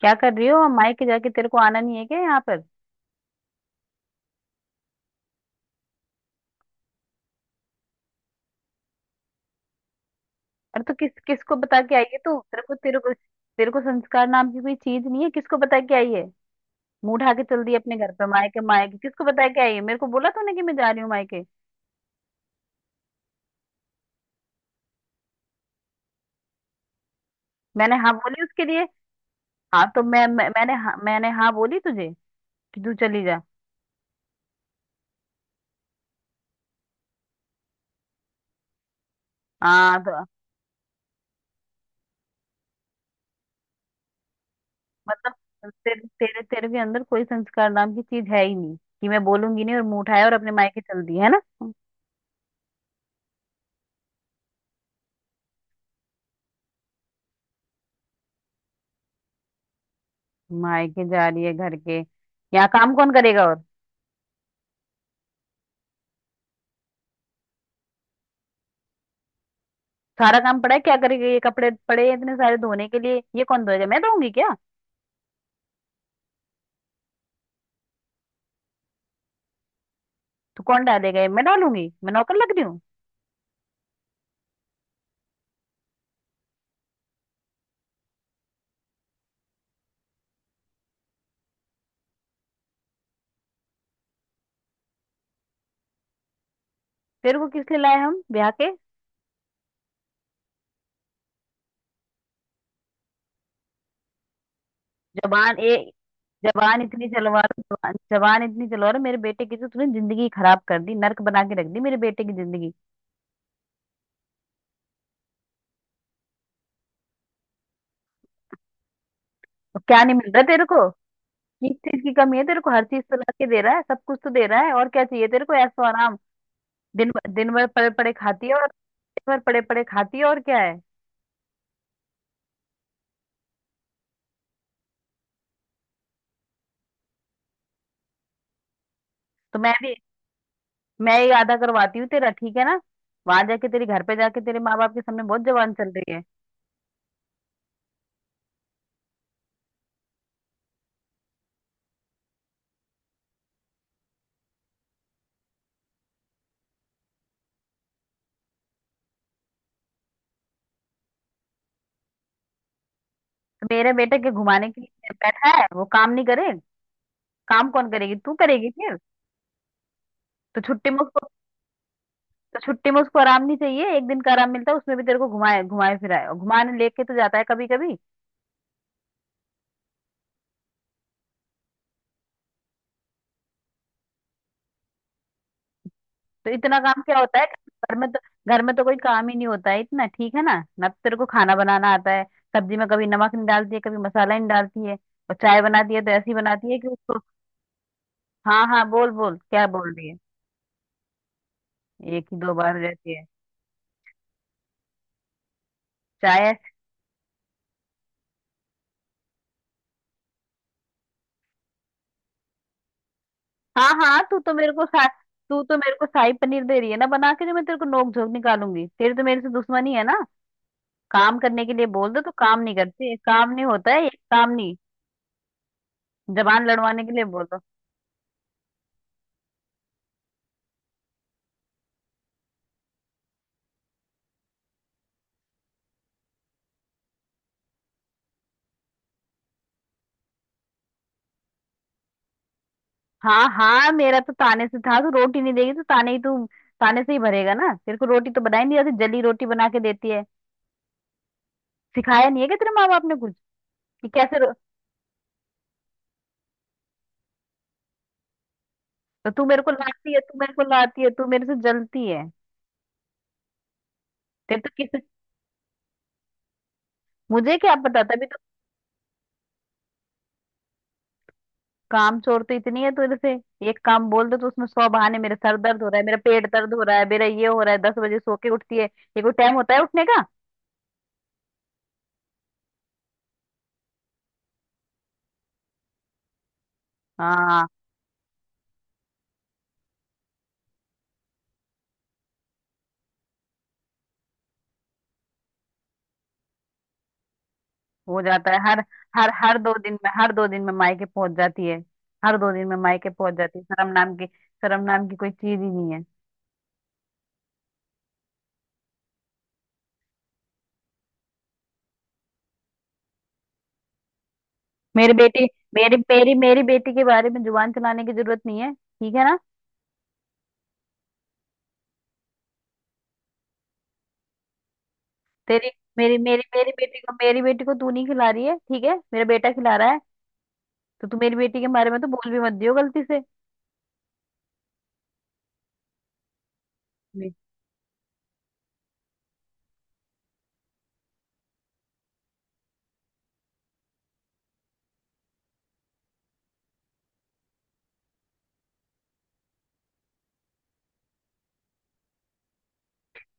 क्या कर रही हो मायके जाके? तेरे को आना नहीं है क्या यहाँ पर? अरे तो किस किसको बता के आई है तू? तेरे को संस्कार नाम की कोई चीज नहीं है। किसको बता के आई है? मुंह उठा के चल दी अपने घर पे। मायके मायके, किसको बता के आई है? मेरे को बोला तूने कि मैं जा रही हूँ मायके? मैंने हाँ बोली उसके लिए? हाँ, तो मैंने हाँ बोली तुझे कि तू चली जा? हाँ तो मतलब तेरे तेरे तेरे के अंदर कोई संस्कार नाम की चीज है ही नहीं। कि मैं बोलूंगी नहीं और मुंह उठाया और अपने मायके चल दी, है ना? मायके जा रही है, घर के यहाँ काम कौन करेगा? और सारा काम पड़ा है, क्या करेगी? ये कपड़े पड़े हैं इतने सारे धोने के लिए, ये कौन धोएगा? मैं धोऊंगी क्या? तो कौन डालेगा ये? मैं डालूंगी? मैं नौकर लग रही हूँ? तेरे को किस लिए लाए हम ब्याह के? जबान ए, जबान इतनी चलवा रहे हो, जबान जबान इतनी चलवा रहे हो। मेरे बेटे की तो तूने जिंदगी खराब कर दी, नर्क बना के रख दी मेरे बेटे की जिंदगी। तो क्या नहीं मिल रहा तेरे को? किस चीज की कमी है तेरे को? हर चीज तो ला के दे रहा है, सब कुछ तो दे रहा है, और क्या चाहिए तेरे को ऐसा आराम? दिन दिन भर पड़े पड़े खाती है और दिन भर पड़े पड़े खाती है, और क्या है? तो मैं भी, मैं ये आधा करवाती हूँ तेरा, ठीक है ना? वहां जाके, तेरे घर पे जाके, तेरे माँ बाप के सामने बहुत जवान चल रही है। तो मेरे बेटे के घुमाने के लिए बैठा है, वो काम नहीं करे? काम कौन करेगी, तू करेगी फिर? तो छुट्टी में उसको, तो छुट्टी में उसको आराम नहीं चाहिए? एक दिन का आराम मिलता है, उसमें भी तेरे को घुमाए घुमाए फिराए। और घुमाने लेके तो जाता है कभी कभी। तो इतना काम क्या होता है घर में तो? घर में तो कोई काम ही नहीं होता है इतना, ठीक है ना? ना तो तेरे को खाना बनाना आता है, सब्जी में कभी नमक नहीं डालती है, कभी मसाला नहीं डालती है। और चाय बनाती है तो ऐसी बनाती है कि उसको। हाँ हाँ, बोल बोल, क्या बोल रही है? एक ही दो बार हो जाती है? शायद। हाँ हाँ, तू तो मेरे को शाही पनीर दे रही है ना बना के, जो मैं तेरे को नोक झोंक निकालूंगी? तेरी तो मेरे से दुश्मनी है ना। काम करने के लिए बोल दो तो काम नहीं करती, काम नहीं होता है, ये काम नहीं। जबान लड़वाने के लिए बोल दो। हाँ हाँ, मेरा तो ताने से था। तू रोटी नहीं देगी तो ताने ही, तू ताने से ही भरेगा ना। तेरे को रोटी तो बनाई नहीं आती, जली रोटी बना के देती है। सिखाया नहीं है क्या तेरे माँ बाप ने कुछ? कि कैसे रो... तो तू मेरे को लाती है, तू मेरे को लाती है, तू मेरे से जलती है। तेरे तो किस मुझे क्या पता था? काम चोर तो इतनी है तेरे से। एक काम बोल दो तो उसमें सौ बहाने, मेरे सर दर्द हो रहा है, मेरा पेट दर्द हो रहा है, मेरा ये हो रहा है। दस बजे सो के उठती है, ये कोई टाइम होता है उठने का? हाँ, हो जाता है। हर हर हर दो दिन में, हर दो दिन में मायके पहुंच जाती है। हर दो दिन में मायके पहुंच जाती है। शर्म नाम की, शर्म नाम की कोई चीज ही नहीं है। मेरी बेटी, मेरी मेरी मेरी बेटी के बारे में जुबान चलाने की जरूरत नहीं है, ठीक है ना? तेरी, मेरी मेरी मेरी बेटी को, मेरी बेटी को तू नहीं खिला रही है, ठीक है? मेरा बेटा खिला रहा है। तो तू मेरी बेटी के बारे में तो बोल भी मत दियो गलती से।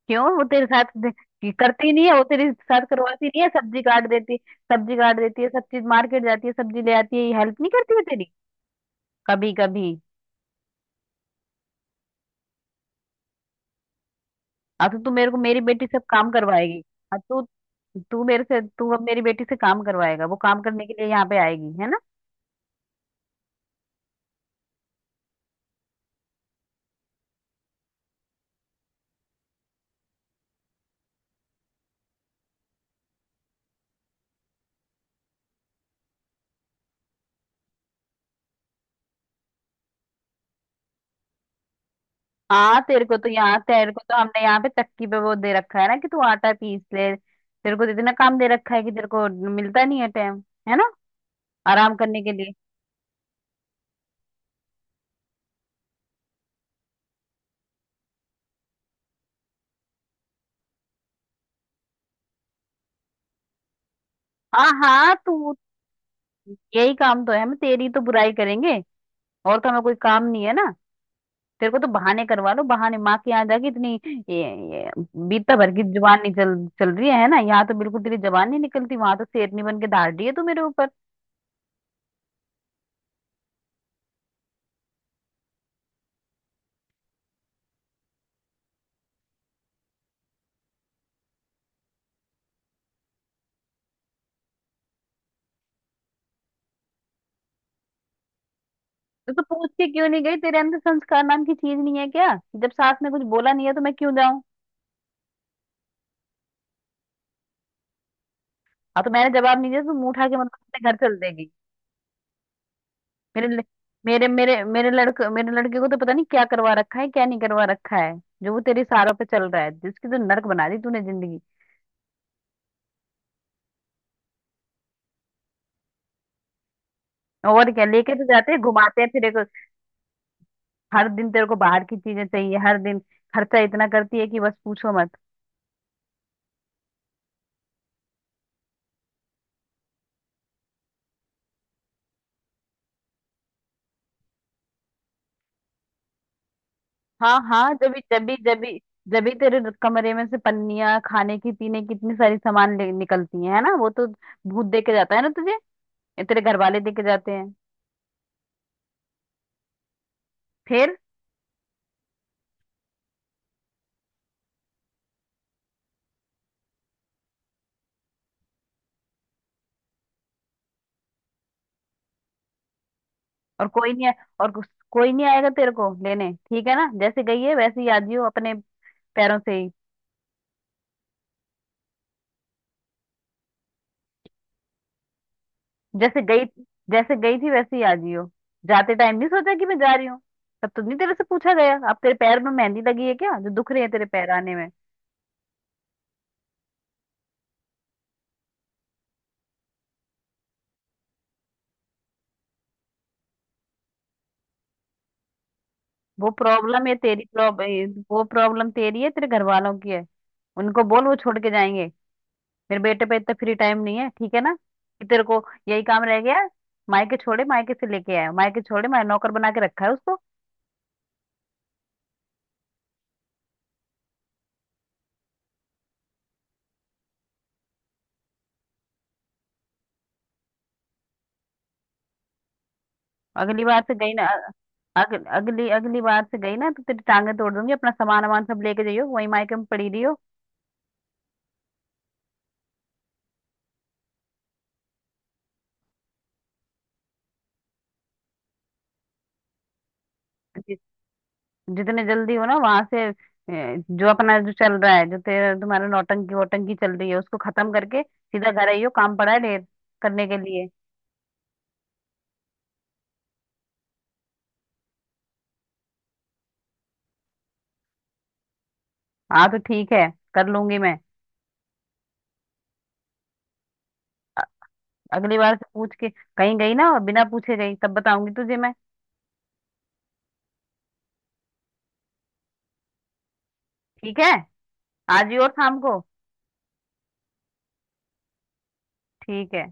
क्यों वो तेरे साथ दे- कि करती नहीं है, वो तेरे साथ करवाती नहीं है? सब्जी काट देती, सब्जी काट देती है सब चीज, मार्केट जाती है सब्जी ले आती है, ये हेल्प नहीं करती है तेरी? कभी कभी? अब तो तू मेरे को मेरी बेटी से काम करवाएगी? अब तू तू मेरे से, तू अब मेरी बेटी से काम करवाएगा? वो काम करने के लिए यहाँ पे आएगी, है ना? हाँ, तेरे को तो यहाँ, तेरे को तो हमने यहाँ पे तक्की पे वो दे रखा है ना कि तू आटा पीस ले। तेरे को तो इतना काम दे रखा है कि तेरे को मिलता नहीं है टाइम, है ना, आराम करने के लिए? हाँ हाँ, तू यही काम तो है, हम तेरी तो बुराई करेंगे और, तो हमें कोई काम नहीं है ना। तेरे को तो बहाने करवा लो, बहाने माँ के यहाँ जाके इतनी ये, ये बीता भर की जुबान नहीं चल, चल रही है ना? यहाँ तो बिल्कुल तेरी जबान नहीं निकलती, वहां तो शेरनी बन के धाड़ रही है तू मेरे ऊपर। तो तू पूछ के क्यों नहीं गई? तेरे अंदर संस्कार नाम की चीज नहीं है क्या? कि जब सास ने कुछ बोला नहीं है तो मैं क्यों जाऊं? हाँ तो मैंने जवाब नहीं दिया तो मुंह उठा के मतलब अपने घर चल देगी? मेरे ल- मेरे मेरे मेरे लड़के, मेरे लड़के को तो पता नहीं क्या करवा रखा है, क्या नहीं करवा रखा है, जो वो तेरे सारों पे चल रहा है। जिसकी तो नर्क बना दी तूने जिंदगी। और क्या लेके तो जाते हैं घुमाते हैं फिर एक। हर दिन तेरे को बाहर की चीजें चाहिए, हर दिन। खर्चा इतना करती है कि बस पूछो मत। हाँ हाँ, जब भी जब भी तेरे कमरे में से पन्नियां खाने की पीने की इतनी सारी सामान ले- निकलती हैं, है ना? वो तो भूत दे के जाता है ना तुझे? ये तेरे घर वाले दे के जाते हैं। फिर और कोई नहीं आ- और कोई नहीं आएगा तेरे को लेने, ठीक है ना? जैसे गई है वैसे ही आ जियो, अपने पैरों से ही। जैसे गई जैसे गई थी वैसे ही आ जियो। जाते टाइम नहीं सोचा कि मैं जा रही हूँ? तब तो नहीं तेरे से पूछा गया, अब तेरे पैर में मेहंदी लगी है क्या जो दुख रही है तेरे पैर आने में? वो प्रॉब्लम है तेरी, प्रॉब्लम वो प्रॉब्लम तेरी है, तेरे घर वालों की है। उनको बोल, वो छोड़ के जाएंगे। मेरे बेटे पे इतना फ्री टाइम नहीं है, ठीक है ना? कि तेरे को यही काम रह गया है? मायके छोड़े, मायके से लेके आया, मायके छोड़े, मैं नौकर बना के रखा है उसको? अगली बार से गई ना, अग, अगली अगली बार से गई ना तो तेरी टांगे तोड़ दूंगी। अपना सामान वामान सब लेके जाइयो, वही मायके में पड़ी रही हो। जि- जितने जल्दी हो ना वहां से, जो अपना जो चल रहा है, जो तेरा तुम्हारा नौटंकी वोटंकी चल रही है, उसको खत्म करके सीधा घर आइयो। काम पड़ा है ढेर करने के लिए। हाँ तो ठीक है, कर लूंगी मैं। अगली बार से पूछ के कहीं गई ना, और बिना पूछे गई, तब बताऊंगी तुझे मैं। ठीक है, आज ही और शाम को, ठीक है।